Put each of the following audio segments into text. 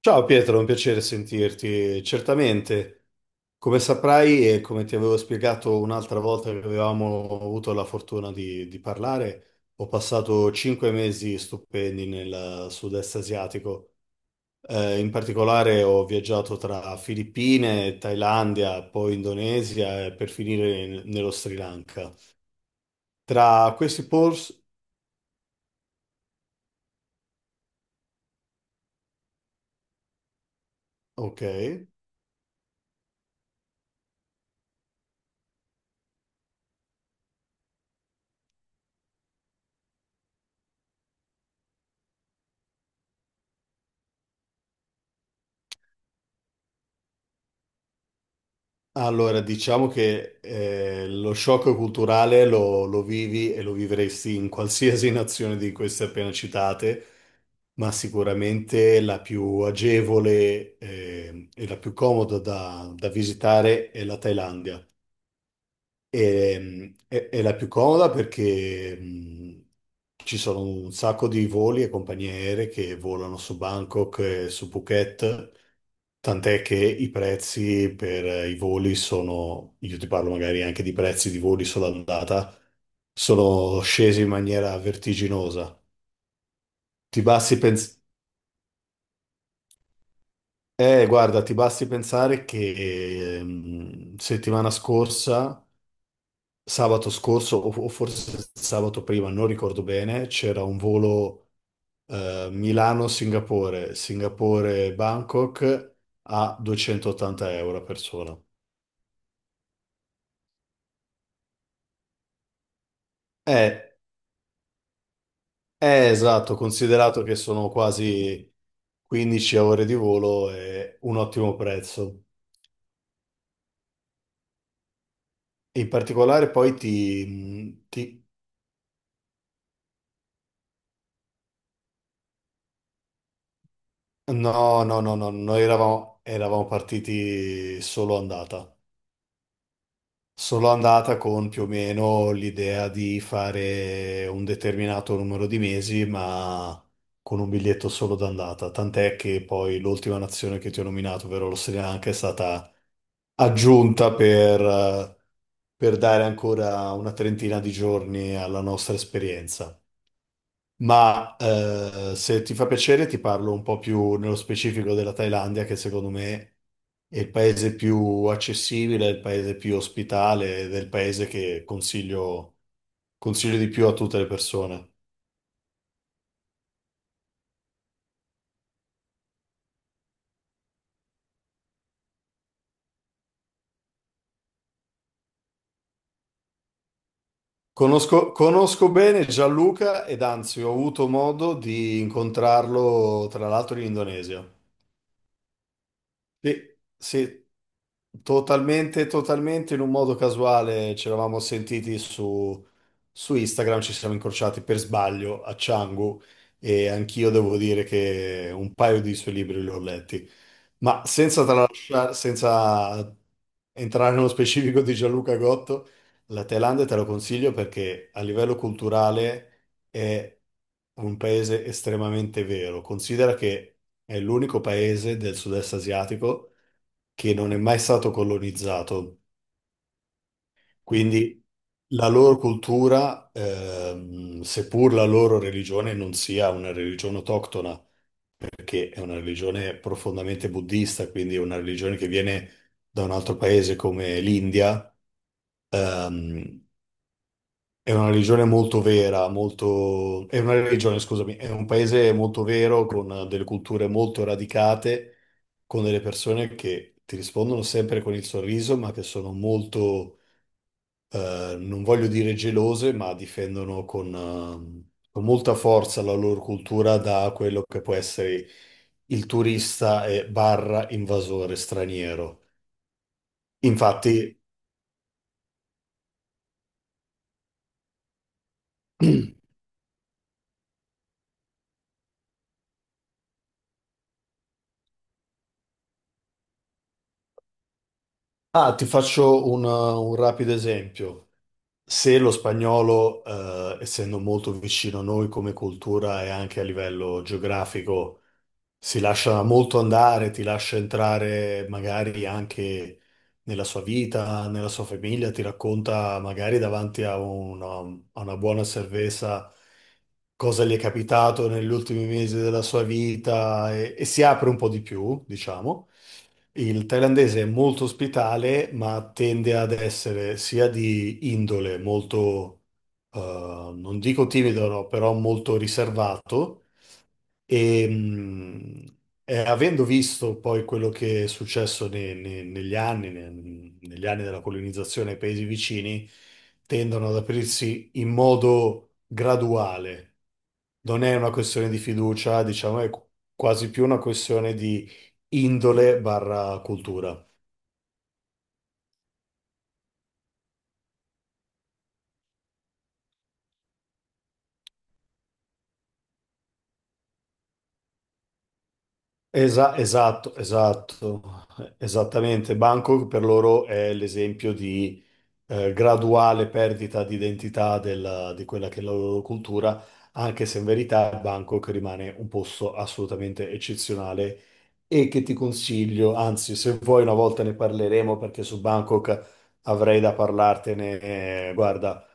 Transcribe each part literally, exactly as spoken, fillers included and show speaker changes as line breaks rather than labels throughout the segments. Ciao Pietro, è un piacere sentirti. Certamente, come saprai e come ti avevo spiegato un'altra volta che avevamo avuto la fortuna di, di parlare, ho passato cinque mesi stupendi nel sud-est asiatico. Eh, in particolare ho viaggiato tra Filippine, Thailandia, poi Indonesia e per finire in- nello Sri Lanka. Tra questi posti. Ok. Allora, diciamo che eh, lo shock culturale lo, lo vivi e lo vivresti in qualsiasi nazione di queste appena citate, ma sicuramente la più agevole eh, e la più comoda da, da visitare è la Thailandia. E- è, è la più comoda perché mh, ci sono un sacco di voli e compagnie aeree che volano su Bangkok e su Phuket, tant'è che i prezzi per eh, i voli sono, io ti parlo magari anche di prezzi di voli solo andata, sono scesi in maniera vertiginosa. Ti basti pens- eh, Guarda, ti basti pensare che ehm, settimana scorsa, sabato scorso o o forse sabato prima, non ricordo bene, c'era un volo eh, Milano-Singapore, Singapore-Bangkok a duecentottanta euro a persona. È, è esatto, considerato che sono quasi quindici ore di volo, è un ottimo prezzo. In particolare poi. ti... ti- No, no, no, no, noi eravamo, eravamo partiti solo andata. Sono andata con più o meno l'idea di fare un determinato numero di mesi, ma con un biglietto solo d'andata. Tant'è che poi l'ultima nazione che ti ho nominato, ovvero lo Sri Lanka, è stata aggiunta per, eh, per dare ancora una trentina di giorni alla nostra esperienza. Ma eh, se ti fa piacere, ti parlo un po' più nello specifico della Thailandia, che secondo me è il paese più accessibile, è il paese più ospitale ed è il paese che consiglio, consiglio di più a tutte le persone. Conosco, conosco bene Gianluca ed anzi ho avuto modo di incontrarlo tra l'altro in Indonesia. Sì, sì, totalmente, totalmente in un modo casuale ci eravamo sentiti su, su Instagram, ci siamo incrociati per sbaglio a Canggu e anch'io devo dire che un paio di suoi libri li ho letti, ma senza tralasciare, senza entrare nello specifico di Gianluca Gotto, la Thailandia te lo consiglio perché a livello culturale è un paese estremamente vero. Considera che è l'unico paese del sud-est asiatico che non è mai stato colonizzato, quindi la loro cultura, ehm, seppur la loro religione non sia una religione autoctona, perché è una religione profondamente buddista, quindi è una religione che viene da un altro paese come l'India. ehm, È una religione molto vera, molto, è una religione, scusami, è un paese molto vero, con delle culture molto radicate, con delle persone che ti rispondono sempre con il sorriso, ma che sono molto, eh, non voglio dire gelose, ma difendono con, eh, con molta forza la loro cultura da quello che può essere il turista e barra invasore straniero. Infatti, ah, ti faccio un un rapido esempio. Se lo spagnolo, eh, essendo molto vicino a noi come cultura e anche a livello geografico, si lascia molto andare, ti lascia entrare magari anche nella sua vita, nella sua famiglia, ti racconta magari davanti a una, a una buona cerveza cosa gli è capitato negli ultimi mesi della sua vita e, e si apre un po' di più, diciamo. Il thailandese è molto ospitale, ma tende ad essere sia di indole molto, eh, non dico timido, no, però molto riservato e, mh, eh, avendo visto poi quello che è successo ne- ne- negli anni, ne- negli anni della colonizzazione ai paesi vicini, tendono ad aprirsi in modo graduale. Non è una questione di fiducia, diciamo, è qu- quasi più una questione di indole barra cultura. Esa- esatto, esatto, esattamente. Bangkok per loro è l'esempio di eh, graduale perdita di identità della- di quella che è la loro cultura, anche se in verità Bangkok rimane un posto assolutamente eccezionale e che ti consiglio, anzi, se vuoi una volta ne parleremo perché su Bangkok avrei da parlartene, eh, guarda,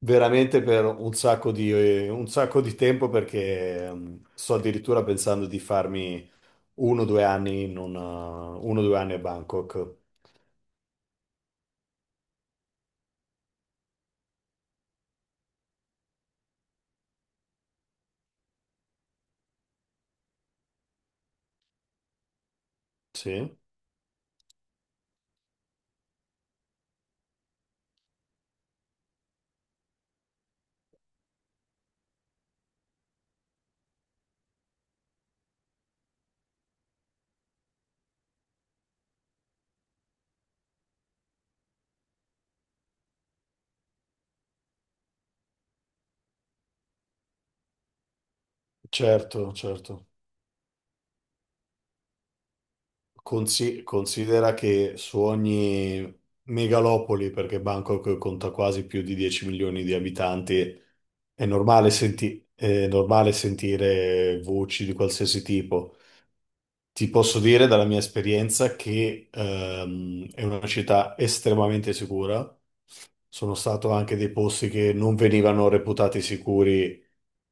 veramente per un sacco di, eh, un sacco di tempo perché mm, sto addirittura pensando di farmi uno o due anni in un, eh, uno o due anni a Bangkok. Sì, certo, certo. Consi- considera che su ogni megalopoli, perché Bangkok conta quasi più di dieci milioni di abitanti, è normale, senti- è normale sentire voci di qualsiasi tipo. Ti posso dire dalla mia esperienza che ehm, è una città estremamente sicura. Sono stato anche dei posti che non venivano reputati sicuri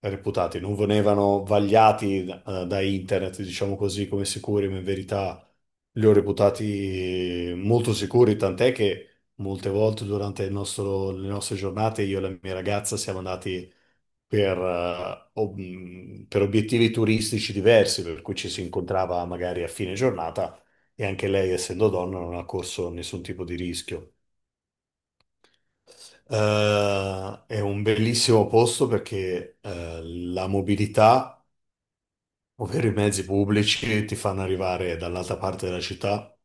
reputati, non venivano vagliati da, da internet, diciamo così, come sicuri, ma in verità li ho reputati molto sicuri, tant'è che molte volte durante il nostro- le nostre giornate io e la mia ragazza siamo andati per, eh, ob- per obiettivi turistici diversi, per cui ci si incontrava magari a fine giornata e anche lei, essendo donna, non ha corso nessun tipo di rischio. Eh, è un bellissimo posto perché eh, la mobilità, ovvero i mezzi pubblici, ti fanno arrivare dall'altra parte della città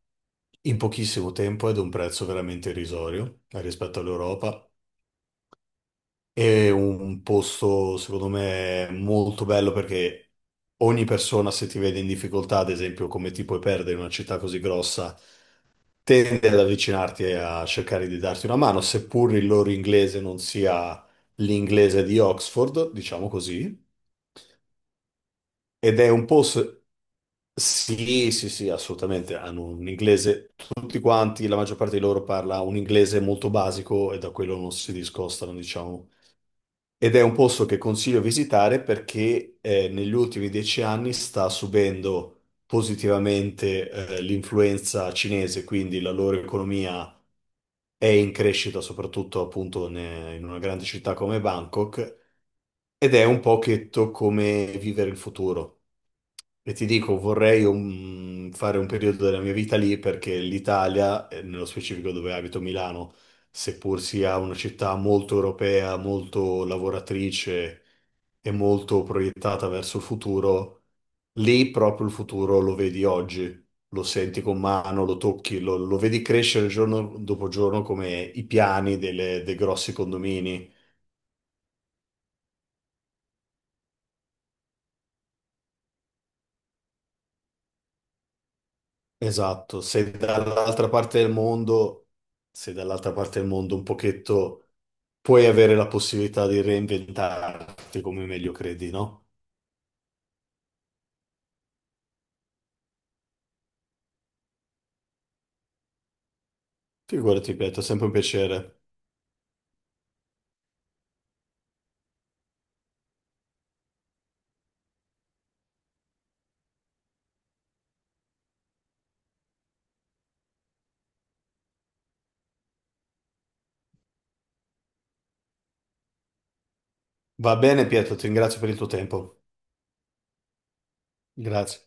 in pochissimo tempo ed a un prezzo veramente irrisorio eh, rispetto all'Europa. È un posto, secondo me, molto bello perché ogni persona, se ti vede in difficoltà, ad esempio, come ti puoi perdere in una città così grossa, tende ad avvicinarti e a cercare di darti una mano, seppur il loro inglese non sia l'inglese di Oxford, diciamo così. Ed è un posto. Sì, sì, sì, assolutamente. Hanno un inglese, tutti quanti, la maggior parte di loro parla un inglese molto basico e da quello non si discostano, diciamo. Ed è un posto che consiglio visitare perché eh, negli ultimi dieci anni sta subendo positivamente eh, l'influenza cinese, quindi la loro economia è in crescita, soprattutto appunto ne- in una grande città come Bangkok, ed è un pochetto come vivere il futuro. E ti dico, vorrei un- fare un periodo della mia vita lì perché l'Italia, eh, nello specifico dove abito Milano, seppur sia una città molto europea, molto lavoratrice e molto proiettata verso il futuro, lì proprio il futuro lo vedi oggi, lo senti con mano, lo tocchi, lo, lo vedi crescere giorno dopo giorno come i piani delle- dei grossi condomini. Esatto, se dall'altra parte del mondo, se dall'altra parte del mondo un pochetto puoi avere la possibilità di reinventarti come meglio credi, no? Figurati, Pietro, è sempre un piacere. Va bene, Pietro, ti ringrazio per il tuo tempo. Grazie.